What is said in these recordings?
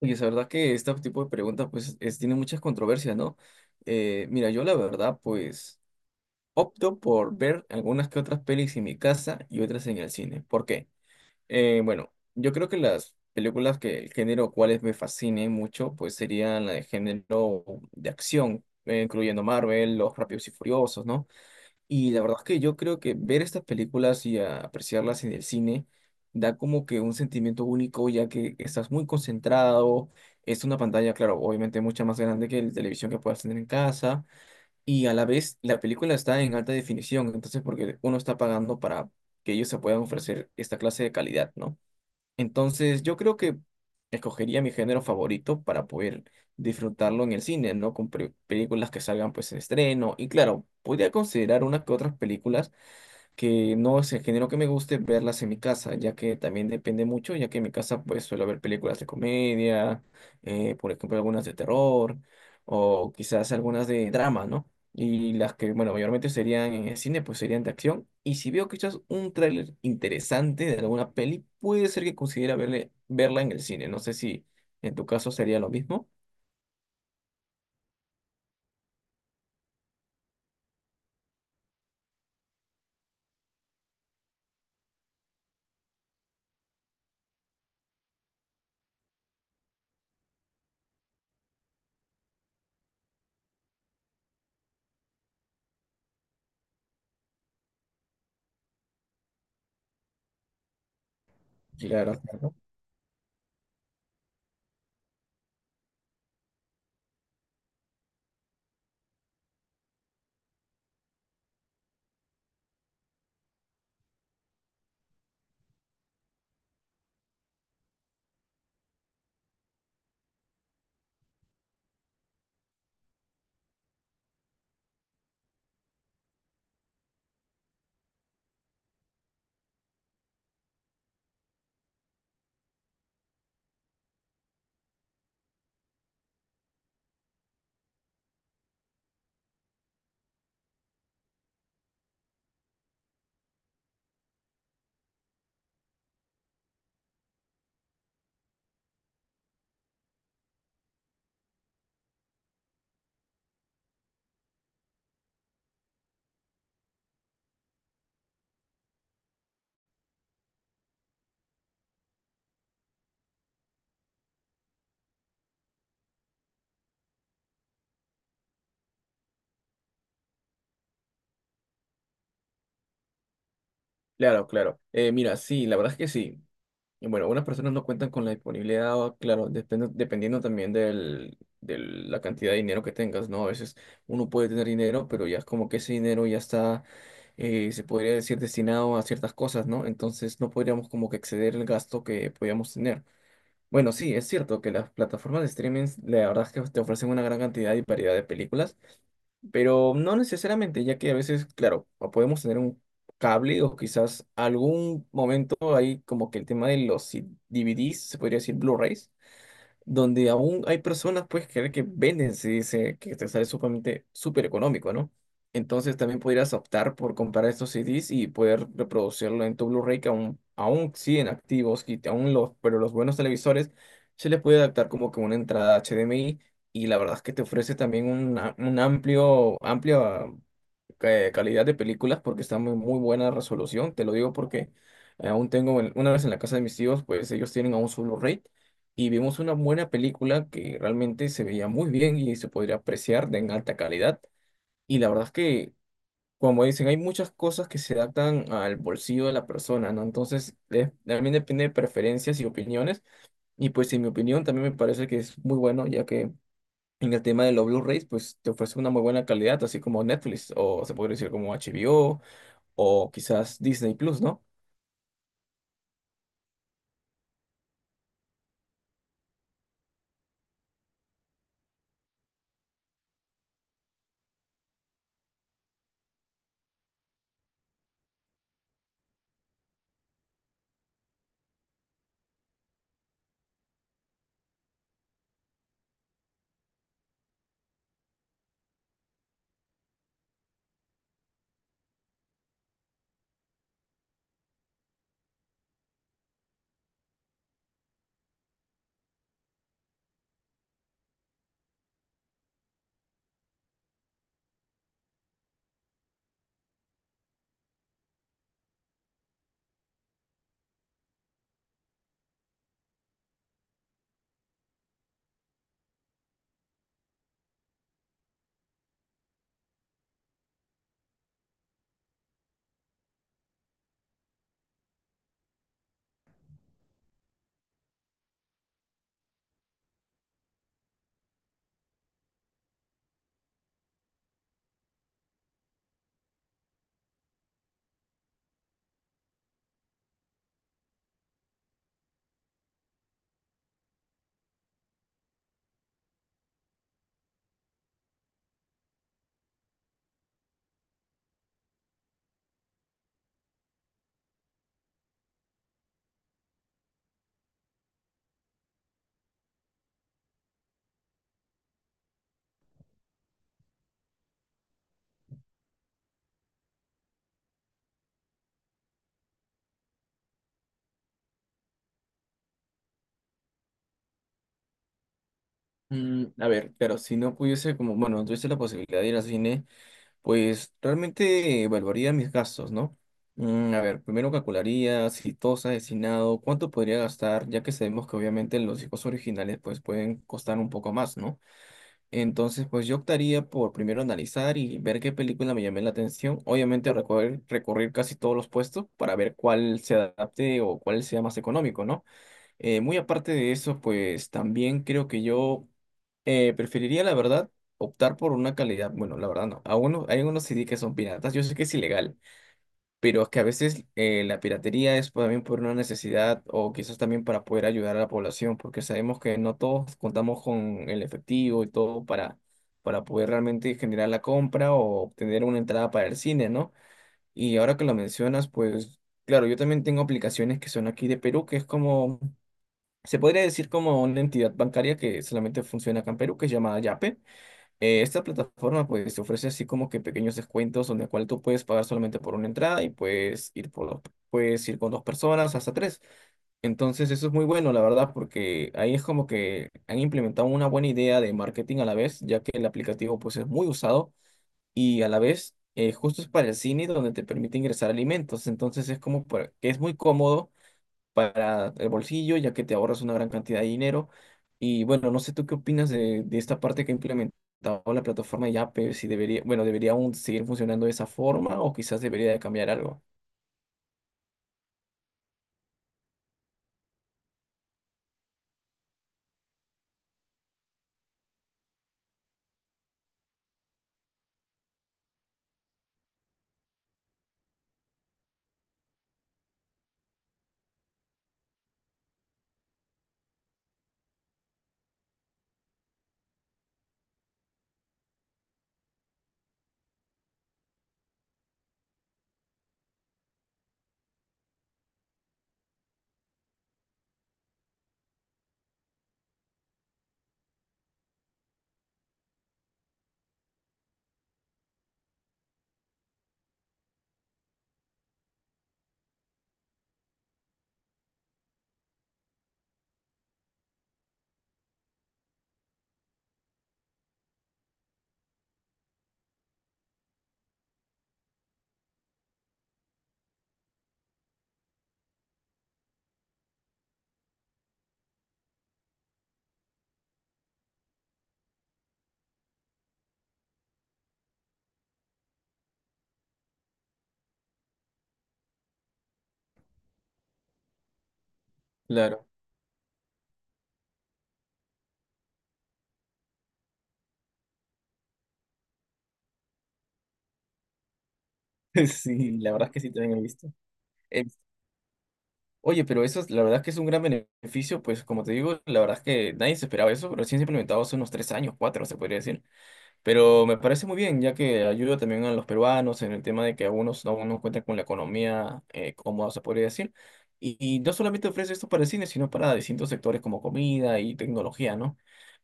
Oye, es verdad que este tipo de preguntas tiene muchas controversias, ¿no? Mira, yo la verdad pues opto por ver algunas que otras pelis en mi casa y otras en el cine. ¿Por qué? Bueno, yo creo que las películas que el género cuales me fascinen mucho pues serían la de género de acción, incluyendo Marvel, Los Rápidos y Furiosos, ¿no? Y la verdad es que yo creo que ver estas películas y apreciarlas en el cine da como que un sentimiento único, ya que estás muy concentrado, es una pantalla, claro, obviamente mucha más grande que la televisión que puedas tener en casa, y a la vez la película está en alta definición, entonces porque uno está pagando para que ellos se puedan ofrecer esta clase de calidad, ¿no? Entonces, yo creo que escogería mi género favorito para poder disfrutarlo en el cine, ¿no? Con películas que salgan pues en estreno. Y claro, podría considerar unas que otras películas que no es el género que me guste verlas en mi casa, ya que también depende mucho, ya que en mi casa pues suelo ver películas de comedia, por ejemplo algunas de terror o quizás algunas de drama, ¿no? Y las que, bueno, mayormente serían en el cine, pues serían de acción. Y si veo quizás un tráiler interesante de alguna peli, puede ser que considera verla en el cine. No sé si en tu caso sería lo mismo. Claro, claro. Claro, claro. Mira, sí, la verdad es que sí. Y bueno, algunas personas no cuentan con la disponibilidad, o, claro, dependiendo también de la cantidad de dinero que tengas, ¿no? A veces uno puede tener dinero, pero ya es como que ese dinero ya está, se podría decir, destinado a ciertas cosas, ¿no? Entonces no podríamos como que exceder el gasto que podíamos tener. Bueno, sí, es cierto que las plataformas de streaming, la verdad es que te ofrecen una gran cantidad y variedad de películas, pero no necesariamente, ya que a veces, claro, o podemos tener un cable o quizás algún momento hay como que el tema de los DVDs, se podría decir Blu-rays, donde aún hay personas, pues, que venden, se dice que te sale sumamente súper económico, ¿no? Entonces también podrías optar por comprar estos CDs y poder reproducirlo en tu Blu-ray que aún siguen activos y aún los, pero los buenos televisores se les puede adaptar como que una entrada HDMI y la verdad es que te ofrece también un amplio calidad de películas porque está muy buena resolución. Te lo digo porque aún tengo, una vez en la casa de mis tíos, pues ellos tienen aún su Blu-ray y vimos una buena película que realmente se veía muy bien y se podría apreciar de en alta calidad. Y la verdad es que, como dicen, hay muchas cosas que se adaptan al bolsillo de la persona, ¿no? Entonces, también depende de preferencias y opiniones. Y pues en mi opinión también me parece que es muy bueno, ya que... En el tema de los Blu-rays, pues te ofrece una muy buena calidad, así como Netflix, o se podría decir como HBO, o quizás Disney Plus, ¿no? Mm, a ver, claro, si no pudiese, como, bueno, no tuviese la posibilidad de ir al cine, pues realmente evaluaría mis gastos, ¿no? Mm, a ver, primero calcularía si todo está destinado, cuánto podría gastar, ya que sabemos que obviamente los hijos originales pues pueden costar un poco más, ¿no? Entonces, pues yo optaría por primero analizar y ver qué película me llamé la atención. Obviamente recorrer casi todos los puestos para ver cuál se adapte o cuál sea más económico, ¿no? Muy aparte de eso, pues también creo que yo preferiría, la verdad, optar por una calidad. Bueno, la verdad no. A uno, hay unos CD que son piratas. Yo sé que es ilegal, pero es que a veces la piratería es también por una necesidad o quizás también para poder ayudar a la población, porque sabemos que no todos contamos con el efectivo y todo para poder realmente generar la compra o obtener una entrada para el cine, ¿no? Y ahora que lo mencionas, pues claro, yo también tengo aplicaciones que son aquí de Perú, que es como. Se podría decir como una entidad bancaria que solamente funciona acá en Perú, que es llamada Yape. Esta plataforma pues te ofrece así como que pequeños descuentos donde cual tú puedes pagar solamente por una entrada y puedes ir con 2 personas hasta tres. Entonces eso es muy bueno, la verdad, porque ahí es como que han implementado una buena idea de marketing a la vez, ya que el aplicativo pues es muy usado y a la vez justo es para el cine donde te permite ingresar alimentos. Entonces es como que es muy cómodo para el bolsillo, ya que te ahorras una gran cantidad de dinero. Y bueno, no sé tú qué opinas de esta parte que ha implementado la plataforma de Yape, si debería, bueno, debería aún seguir funcionando de esa forma o quizás debería de cambiar algo. Claro. Sí, la verdad es que sí también he visto. Eh, Oye, pero eso es, la verdad es que es un gran beneficio, pues como te digo, la verdad es que nadie se esperaba eso, pero sí se ha implementado hace unos 3 años, cuatro, se podría decir. Pero me parece muy bien, ya que ayuda también a los peruanos en el tema de que algunos aún no cuentan con la economía cómoda, se podría decir. Y no solamente ofrece esto para el cine, sino para distintos sectores como comida y tecnología, ¿no?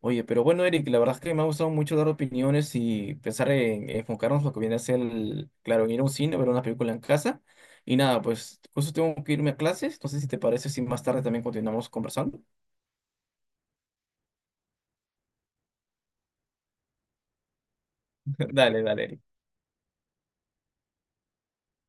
Oye, pero bueno, Eric, la verdad es que me ha gustado mucho dar opiniones y pensar en enfocarnos en lo que viene a ser, claro, en ir a un cine, ver una película en casa. Y nada, pues justo tengo que irme a clases, no sé si te parece si más tarde también continuamos conversando. Dale, dale, Eric.